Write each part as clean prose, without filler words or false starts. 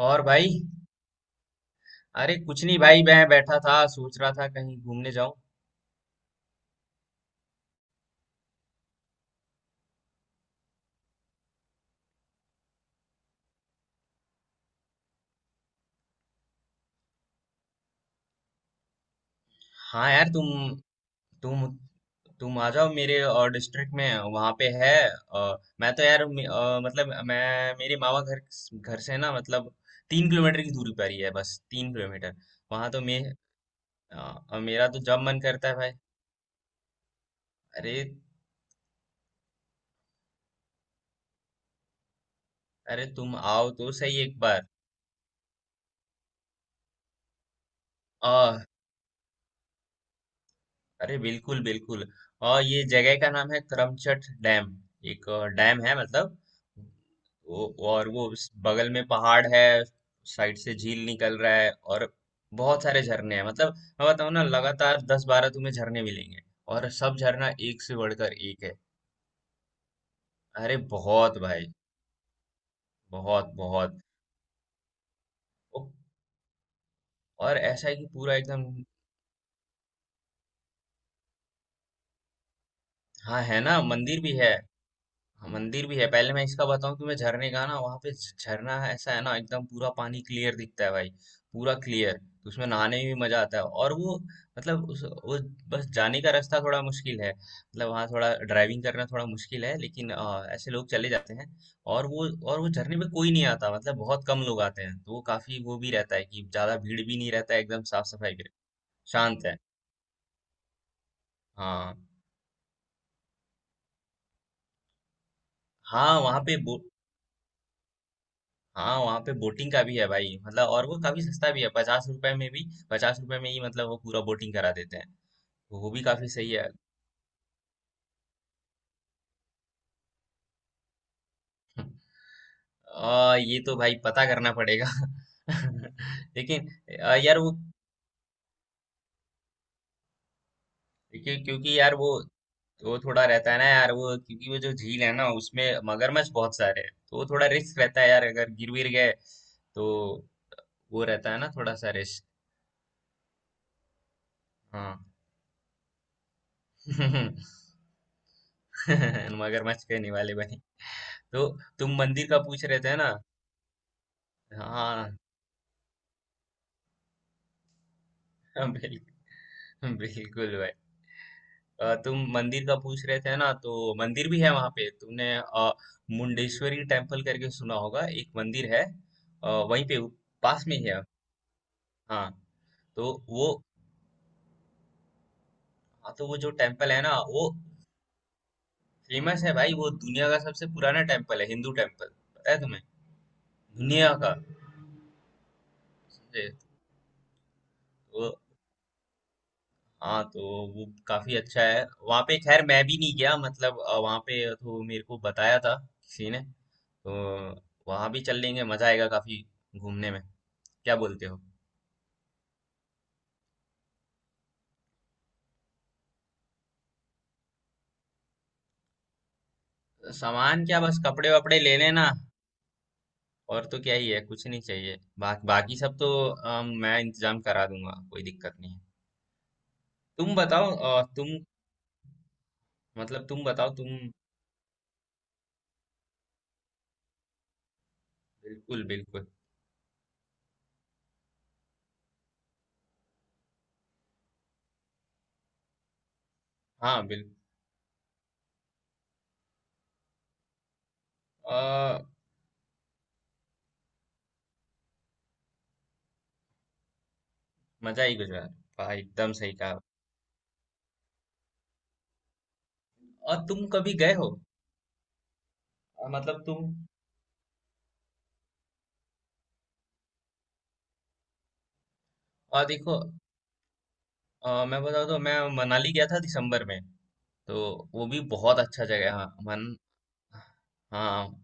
और भाई। अरे कुछ नहीं भाई, मैं बैठा था सोच रहा था कहीं घूमने जाऊं। हाँ यार, तुम तुम आ जाओ मेरे और डिस्ट्रिक्ट में। वहां पे है। मैं तो यार मतलब मैं मेरे मामा घर घर से ना मतलब तीन किलोमीटर की दूरी पर ही है, बस 3 किलोमीटर। वहां तो मैं। मेरा तो जब मन करता है भाई। अरे, अरे तुम आओ तो सही एक बार। अरे बिल्कुल बिल्कुल। और ये जगह का नाम है करमचट डैम। एक डैम है मतलब। वो, और वो उस बगल में पहाड़ है, साइड से झील निकल रहा है। और बहुत सारे झरने हैं, मतलब मैं बताऊँ ना, लगातार 10-12 तुम्हें झरने मिलेंगे। और सब झरना एक से बढ़कर एक है। अरे बहुत भाई, बहुत बहुत। ओ, और ऐसा है कि पूरा एकदम। हाँ है ना, मंदिर भी है। हाँ, मंदिर भी है। पहले मैं इसका बताऊं तुम्हें झरने का ना, वहां पे झरना है। ऐसा है ना, एकदम पूरा पानी क्लियर दिखता है भाई। पूरा क्लियर, तो उसमें नहाने में भी मजा आता है। और वो मतलब उस, वो बस जाने का रास्ता थोड़ा मुश्किल है, मतलब वहाँ थोड़ा ड्राइविंग करना थोड़ा मुश्किल है, लेकिन ऐसे लोग चले जाते हैं। और वो झरने में कोई नहीं आता, मतलब बहुत कम लोग आते हैं, तो वो काफी वो भी रहता है कि ज्यादा भीड़ भी नहीं रहता है, एकदम साफ सफाई भी रहती है। शांत है। हाँ। हाँ, वहाँ पे। हाँ, वहाँ पे बोटिंग का भी है भाई, मतलब। और वो काफी सस्ता भी है, 50 रुपए में भी, 50 रुपए में ही मतलब वो पूरा बोटिंग करा देते हैं। तो वो भी काफी सही है। ये तो भाई पता करना पड़ेगा। लेकिन यार वो, क्यों, क्योंकि यार वो थोड़ा रहता है ना यार, वो क्योंकि वो जो झील है ना, उसमें मगरमच्छ बहुत सारे हैं, तो वो थोड़ा रिस्क रहता है यार, अगर गिर गिर गए तो। वो रहता है ना थोड़ा सा रिस्क। हाँ। मगरमच्छ के निवाले बने तो। तुम मंदिर का पूछ रहे थे ना। हाँ। बिल, बिल्कुल भाई। तुम मंदिर का पूछ रहे थे ना, तो मंदिर भी है वहां पे। तुमने मुंडेश्वरी टेम्पल करके सुना होगा, एक मंदिर है वहीं पे, पास में ही है। हाँ, तो वो, हाँ तो वो जो टेम्पल है ना, वो फेमस है भाई, वो दुनिया का सबसे पुराना टेम्पल है, हिंदू टेम्पल। पता है तुम्हें? दुनिया का। समझे? वो, हाँ तो वो काफी अच्छा है वहां पे। खैर मैं भी नहीं गया मतलब, वहां पे तो मेरे को बताया था किसी ने। तो वहां भी चल लेंगे, मजा आएगा काफी घूमने में। क्या बोलते हो? सामान क्या, बस कपड़े वपड़े ले लेना। और तो क्या ही है, कुछ नहीं चाहिए। बाकी सब तो मैं इंतजाम करा दूंगा, कोई दिक्कत नहीं है। तुम बताओ तुम, मतलब तुम बताओ तुम। बिल्कुल बिल्कुल। हाँ बिल्कुल। आ, मजा ही गुजरा भाई, एकदम सही कहा। और तुम कभी गए हो मतलब तुम? और देखो, मैं बताऊँ तो, मैं मनाली गया था दिसंबर में। तो वो भी बहुत अच्छा जगह है। हाँ मन। हाँ।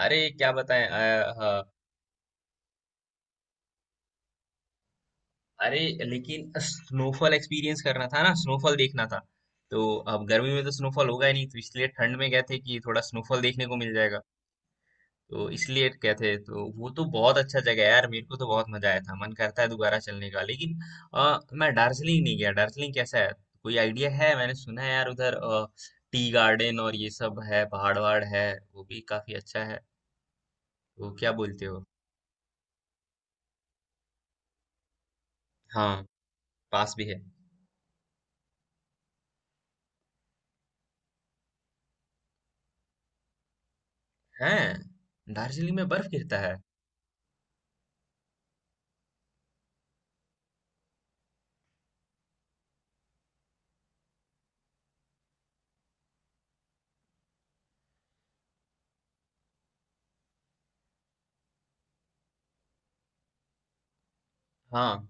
अरे क्या बताएं हाँ। अरे, लेकिन स्नोफॉल एक्सपीरियंस करना था ना, स्नोफॉल देखना था, तो अब गर्मी में तो स्नोफॉल होगा ही नहीं, तो इसलिए ठंड में गए थे कि थोड़ा स्नोफॉल देखने को मिल जाएगा। तो इसलिए गए थे। तो वो तो बहुत अच्छा जगह है यार, मेरे को तो बहुत मजा आया था, मन करता है दोबारा चलने का। लेकिन मैं दार्जिलिंग नहीं गया। दार्जिलिंग कैसा है, कोई आइडिया है? मैंने सुना है यार उधर टी गार्डन और ये सब है, पहाड़ वहाड़ है, वो भी काफी अच्छा है। तो क्या बोलते हो? हाँ, पास भी है। हैं? दार्जिलिंग में बर्फ गिरता है? हाँ।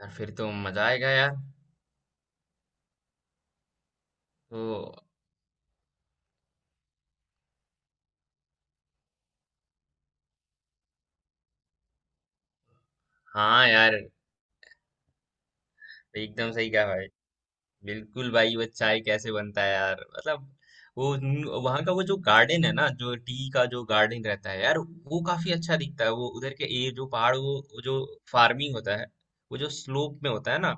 यार फिर तो मजा आएगा यार। तो हाँ यार, एकदम सही कहा भाई। बिल्कुल भाई, वो चाय कैसे बनता है यार। मतलब वो वहाँ का, वो जो गार्डन है ना, जो टी का जो गार्डन रहता है यार, वो काफी अच्छा दिखता है। वो उधर के ये जो पहाड़, वो जो फार्मिंग होता है, वो जो स्लोप में होता है ना।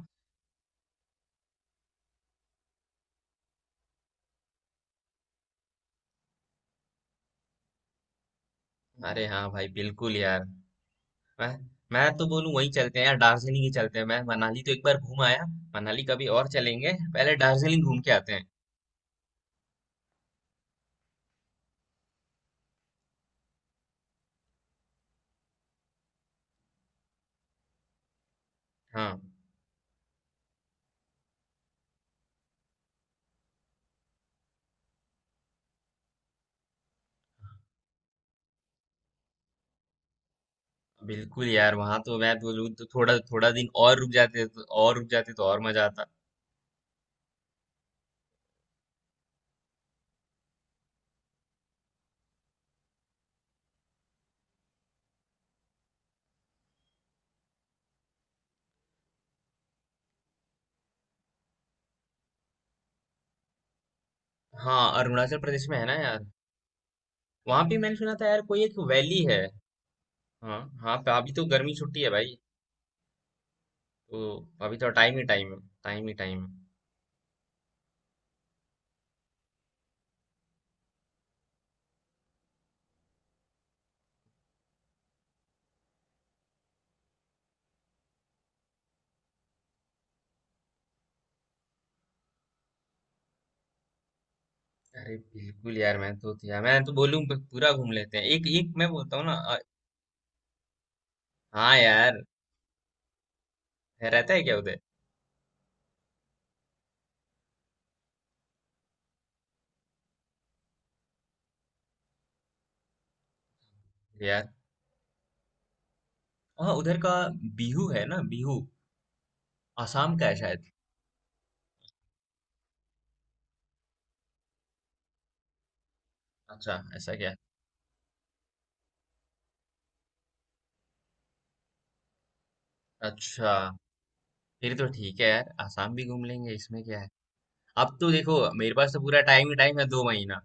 अरे हाँ भाई, बिल्कुल यार। मैं मैं तो बोलूँ वहीं चलते हैं यार, दार्जिलिंग ही चलते हैं। मैं मनाली तो एक बार घूम आया, मनाली कभी और चलेंगे। पहले दार्जिलिंग घूम के आते हैं। हाँ बिल्कुल यार, वहां तो मैं बोलूँ तो थोड़ा थोड़ा दिन और रुक जाते तो, और रुक जाते तो और मजा आता। हाँ, अरुणाचल प्रदेश में है ना यार, वहां भी मैंने सुना था यार, कोई एक वैली है। हाँ, हाँ पे अभी तो गर्मी छुट्टी है भाई। तो अभी तो टाइम ही टाइम है, टाइम ही टाइम है। अरे बिल्कुल यार, मैं तो यार मैं तो बोलूँ पूरा घूम लेते हैं एक एक, मैं बोलता हूँ ना। हाँ यार, रहता है क्या उधर? यार, हाँ उधर का बिहू है ना। बिहू आसाम का है शायद। अच्छा, ऐसा क्या? अच्छा फिर तो ठीक है यार, आसाम भी घूम लेंगे, इसमें क्या है। अब तो देखो, मेरे पास तो पूरा टाइम ही टाइम है, 2 महीना।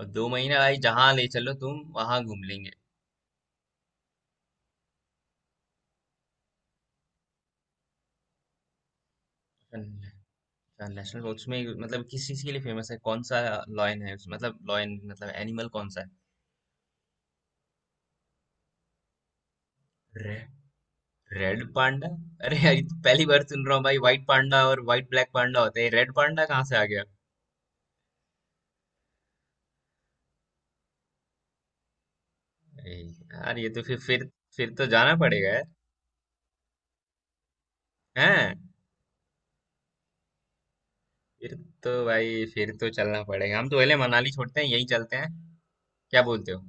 और 2 महीना भाई, जहाँ ले चलो तुम, वहां घूम लेंगे। नेशनल पार्क उसमें मतलब किस चीज के लिए फेमस है, कौन सा? लॉयन है उसमें, मतलब लॉयन मतलब एनिमल कौन सा है? रे, रेड पांडा? अरे यार ये तो पहली बार सुन रहा हूँ भाई, व्हाइट पांडा और व्हाइट ब्लैक पांडा होते हैं, रेड पांडा कहाँ से आ गया? अरे यार ये तो फिर, फिर तो जाना पड़ेगा यार। हैं? फिर तो भाई, फिर तो चलना पड़ेगा, हम तो पहले मनाली छोड़ते हैं, यहीं चलते हैं। क्या बोलते हो?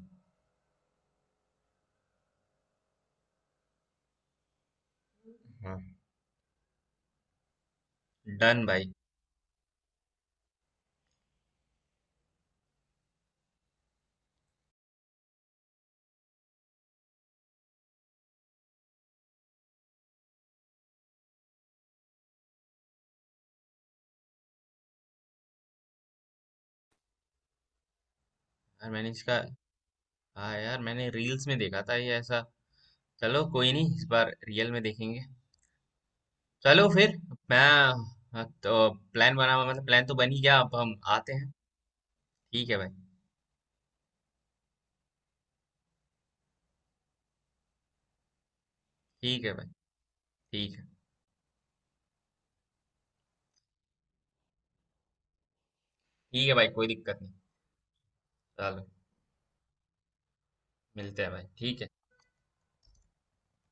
हाँ डन भाई। यार मैंने इसका, हाँ यार मैंने रील्स में देखा था ये ऐसा। चलो कोई नहीं, इस बार रियल में देखेंगे। चलो फिर मैं, हाँ, तो प्लान बना मतलब, प्लान तो बन ही गया, अब हम आते हैं। ठीक है भाई। ठीक है भाई। ठीक है। ठीक है भाई, कोई दिक्कत नहीं। चलो मिलते हैं भाई, ठीक है।